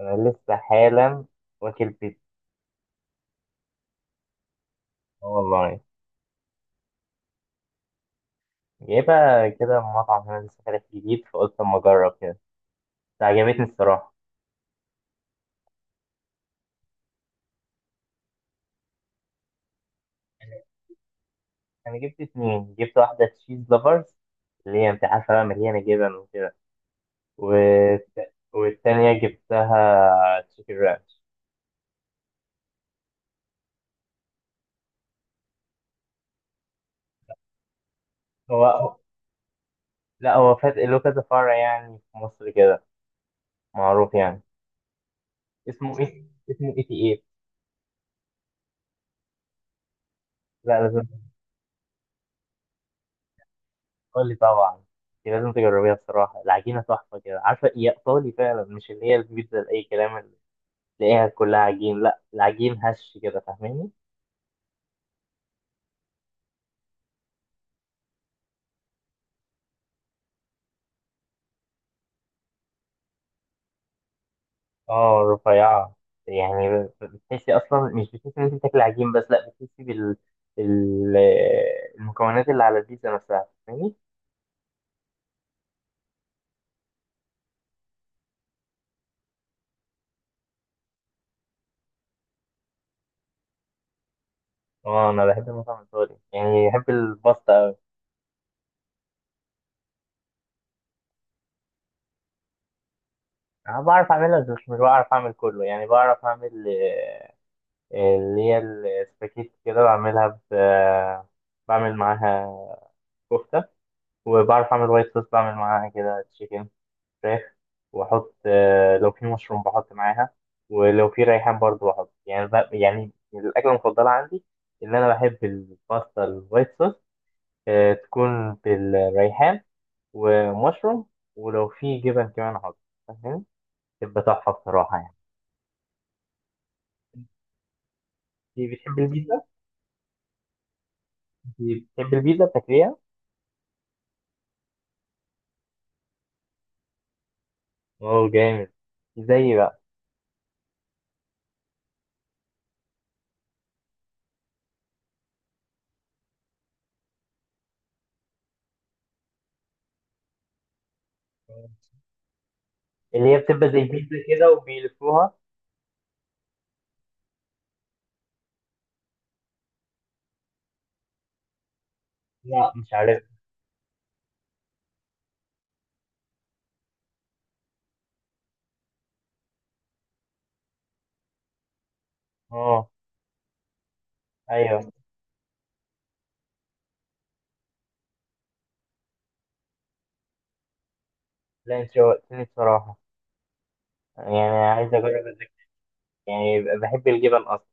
انا لسه حالا واكل بيتزا. اه والله. جايبها كده من مطعم هنا لسه فاتح جديد، فقلت اما اجرب كده، بس عجبتني الصراحه. انا جبت اتنين، جبت واحده تشيز لافرز، اللي هي انت عارفه بقى مليانه جبن وكده، و... والتانيه جبتها تشيكن رانش. هو لا، هو فات له كذا فرع يعني في مصر كده، معروف يعني. اسمه ايه؟ اسمه اي تي ايه. لا لازم، قول لي طبعا، دي لازم تجربيها بصراحة. العجينة تحفة كده، عارفة؟ هي إيطالي فعلا، مش اللي هي البيتزا لأي كلام اللي تلاقيها كلها عجين، لا العجين هش كده، فاهماني؟ اه رفيعة، يعني بتحسي أصلا مش بتحسي إن أنت بتاكلي عجين بس، لا بتحسي بال ال- المكونات اللي على البيتزا نفسها، فاهماني؟ اه أنا بحب المطعم الإيطالي، يعني بحب الباستا أوي. أنا بعرف أعملها بس مش بعرف أعمل كله، يعني بعرف أعمل اللي هي السباكيت كده، بعمل معاها كفتة، وبعرف أعمل وايت صوص، بعمل معاها كده تشيكن فراخ، وأحط لو في مشروم بحط معاها، ولو في ريحان برضو بحط. يعني يعني الأكلة المفضلة عندي إن أنا بحب الباستا الوايت صوص، تكون بالريحان ومشروم، ولو في جبن كمان أحط، فاهم؟ تبقى تحفة بصراحة يعني. دي بتحب البيتزا؟ دي بتحب البيتزا بتاكليها؟ أوه جامد. زي بقى. آه. اللي هي بتبقى زي البيتزا كده وبيلفوها. مم. مش عارف. اه ايوه. لا انت شوقتني بصراحه، يعني عايز اجرب يعني بحب الجبن اصلا.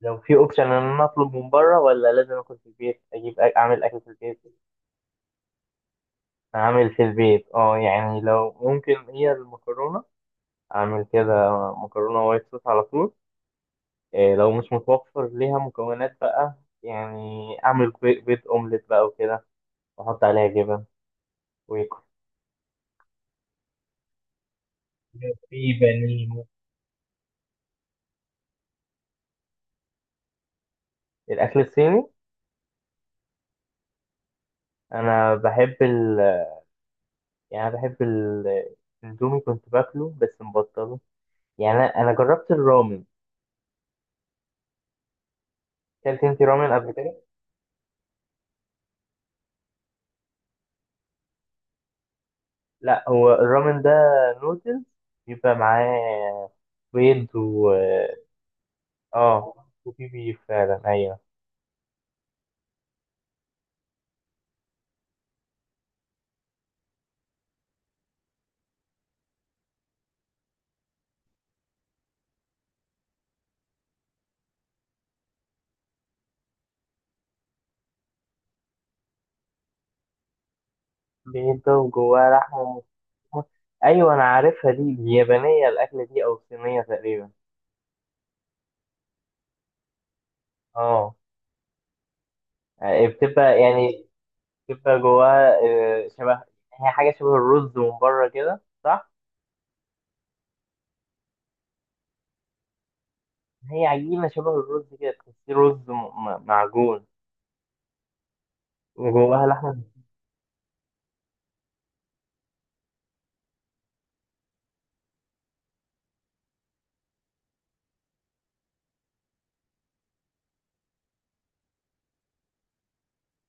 لو في اوبشن ان انا اطلب من بره، ولا لازم اكل في البيت، اعمل اكل في البيت. اعمل في البيت اه، يعني لو ممكن هي المكرونه، اعمل كده مكرونه وايت صوص على طول. إيه لو مش متوفر ليها مكونات بقى، يعني اعمل بيض اومليت بقى وكده، واحط عليها جبن، ويكون في بانيه. الأكل الصيني، أنا بحب ال، يعني أنا بحب الأندومي، كنت باكله بس مبطله. يعني أنا جربت الرامن. أكلت أنت رامن قبل كده؟ لا هو الرامن ده نودلز، بيبقى معاه بيض و آه، وفي بيف فعلا أيوه. بيض ده وجواه لحمة مفرومة، أيوه أنا عارفها دي، اليابانية الأكلة دي، أو الصينية تقريبا. آه يعني بتبقى، يعني بتبقى جواها شبه، هي حاجة شبه الرز من بره كده، صح؟ هي عجينة شبه الرز كده، تحسيه رز معجون، وجواها لحمة.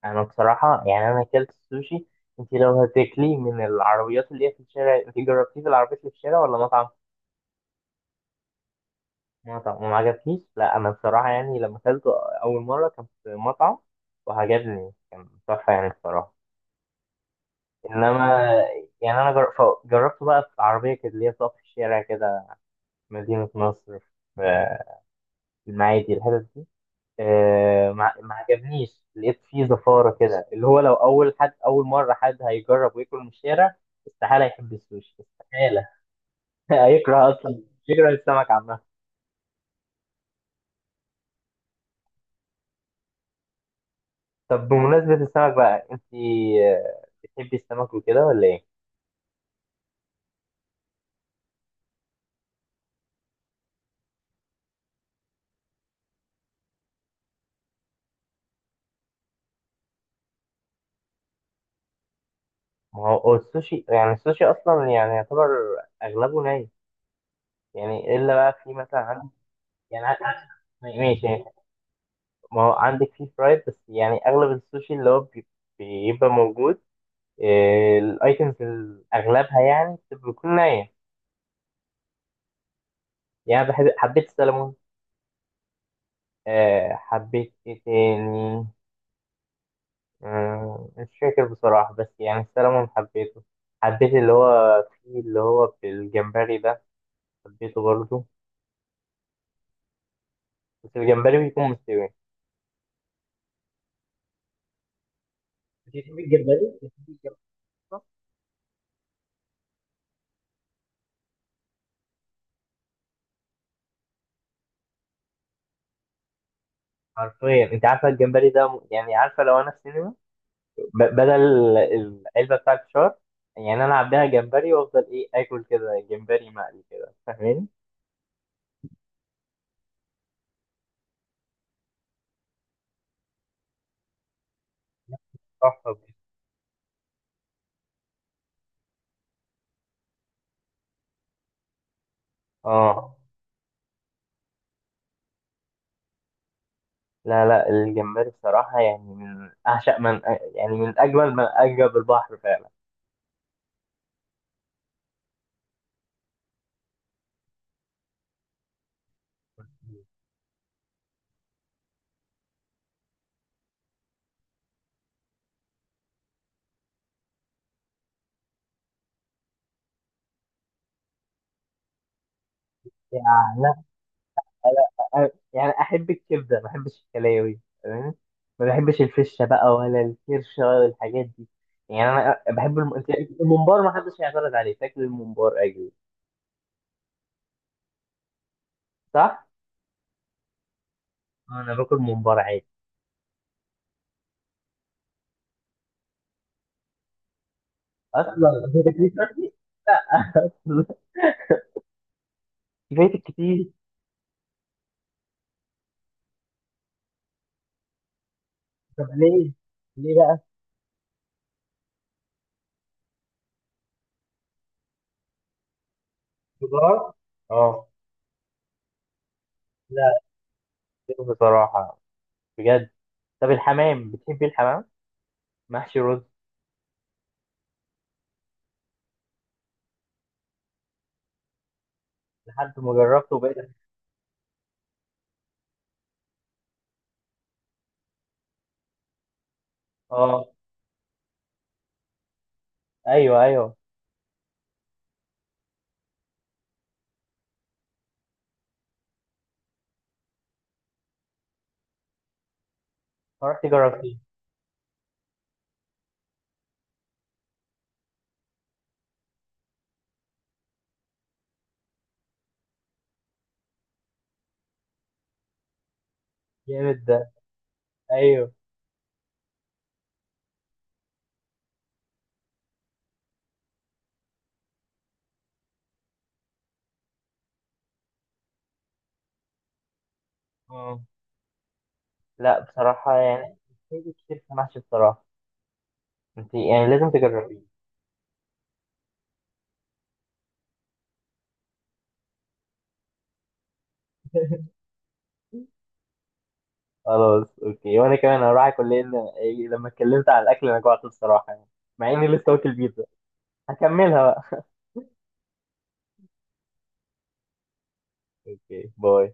أنا بصراحة يعني أنا أكلت السوشي، أنت لو هتاكليه من العربيات اللي هي في الشارع، أنت جربتيه في العربيات اللي في الشارع ولا مطعم؟ مطعم وما عجبكيش؟ لا أنا بصراحة يعني لما أكلته أول مرة كان في مطعم، وعجبني، كان تحفة يعني بصراحة. إنما يعني جربته بقى في عربية كده اللي هي بتقف في الشارع كده، في مدينة نصر، في المعادي الحتت دي، ما عجبنيش، لقيت فيه زفارة كده، اللي هو لو أول حد، أول مرة حد هيجرب وياكل من الشارع، استحالة يحب السوشي، استحالة. هيكره أصلا، يكره السمك عامة. طب بمناسبة السمك بقى، أنت بتحبي السمك وكده ولا إيه؟ ما هو هو السوشي، يعني السوشي أصلا يعني يعتبر أغلبه ني، يعني إلا بقى في مثلا عندك، يعني ماشي يعني، ما هو عندك فيه فرايد، بس يعني أغلب السوشي اللي هو بيبقى موجود، الايتمز اغلبها يعني بتكون نية. يعني بحب، حبيت السلمون، حبيت ايه تاني، مش فاكر بصراحة، بس يعني السلمون حبيته، حبيت اللي هو فيه، اللي هو في الجمبري ده، حبيته برضه، بس الجمبري بيكون مستوي. بتحب الجمبري، بتحب الجمبري أصلاً؟ حرفيا انت عارفة الجمبري ده يعني عارفة لو انا في سينما، بدل العلبة بتاعت الفشار، يعني انا عبيها جمبري وافضل ايه اكل كده جمبري مقلي كده، فاهماني؟ صح اه. لا لا، الجمبري بصراحة يعني من أعشق، من يعني من أجمل، من أعجب البحر فعلا يعني. لا لا، يعني أحب الكبدة، ما أحبش الكلاوي تمام، ما بحبش الفشة بقى ولا الكرشة ولا الحاجات دي، يعني أنا بحب الممبار، ما حدش هيعترض عليه تاكل الممبار أجي، صح؟ أنا باكل ممبار عادي أصلا. أنت بتاكليه شرقي؟ لا. أصلا فايتك كتير. طب ليه؟ ليه بقى؟ خضار؟ اه. لا بصراحة، بجد. طب الحمام، بتحبي الحمام محشي رز؟ لحد ما جربته وبقيت، اه ايوه ايوه. رحت جربتيه؟ جامد ده، ايوه. اه. لا بصراحه يعني بتحبي كتير في المحشي بصراحه، انت يعني لازم تجربيه. خلاص اوكي، وانا كمان هروح اكل، لان لما اتكلمت على الاكل انا جوعت بصراحه يعني، مع اني لسه واكل بيتزا. هكملها بقى. اوكي باي.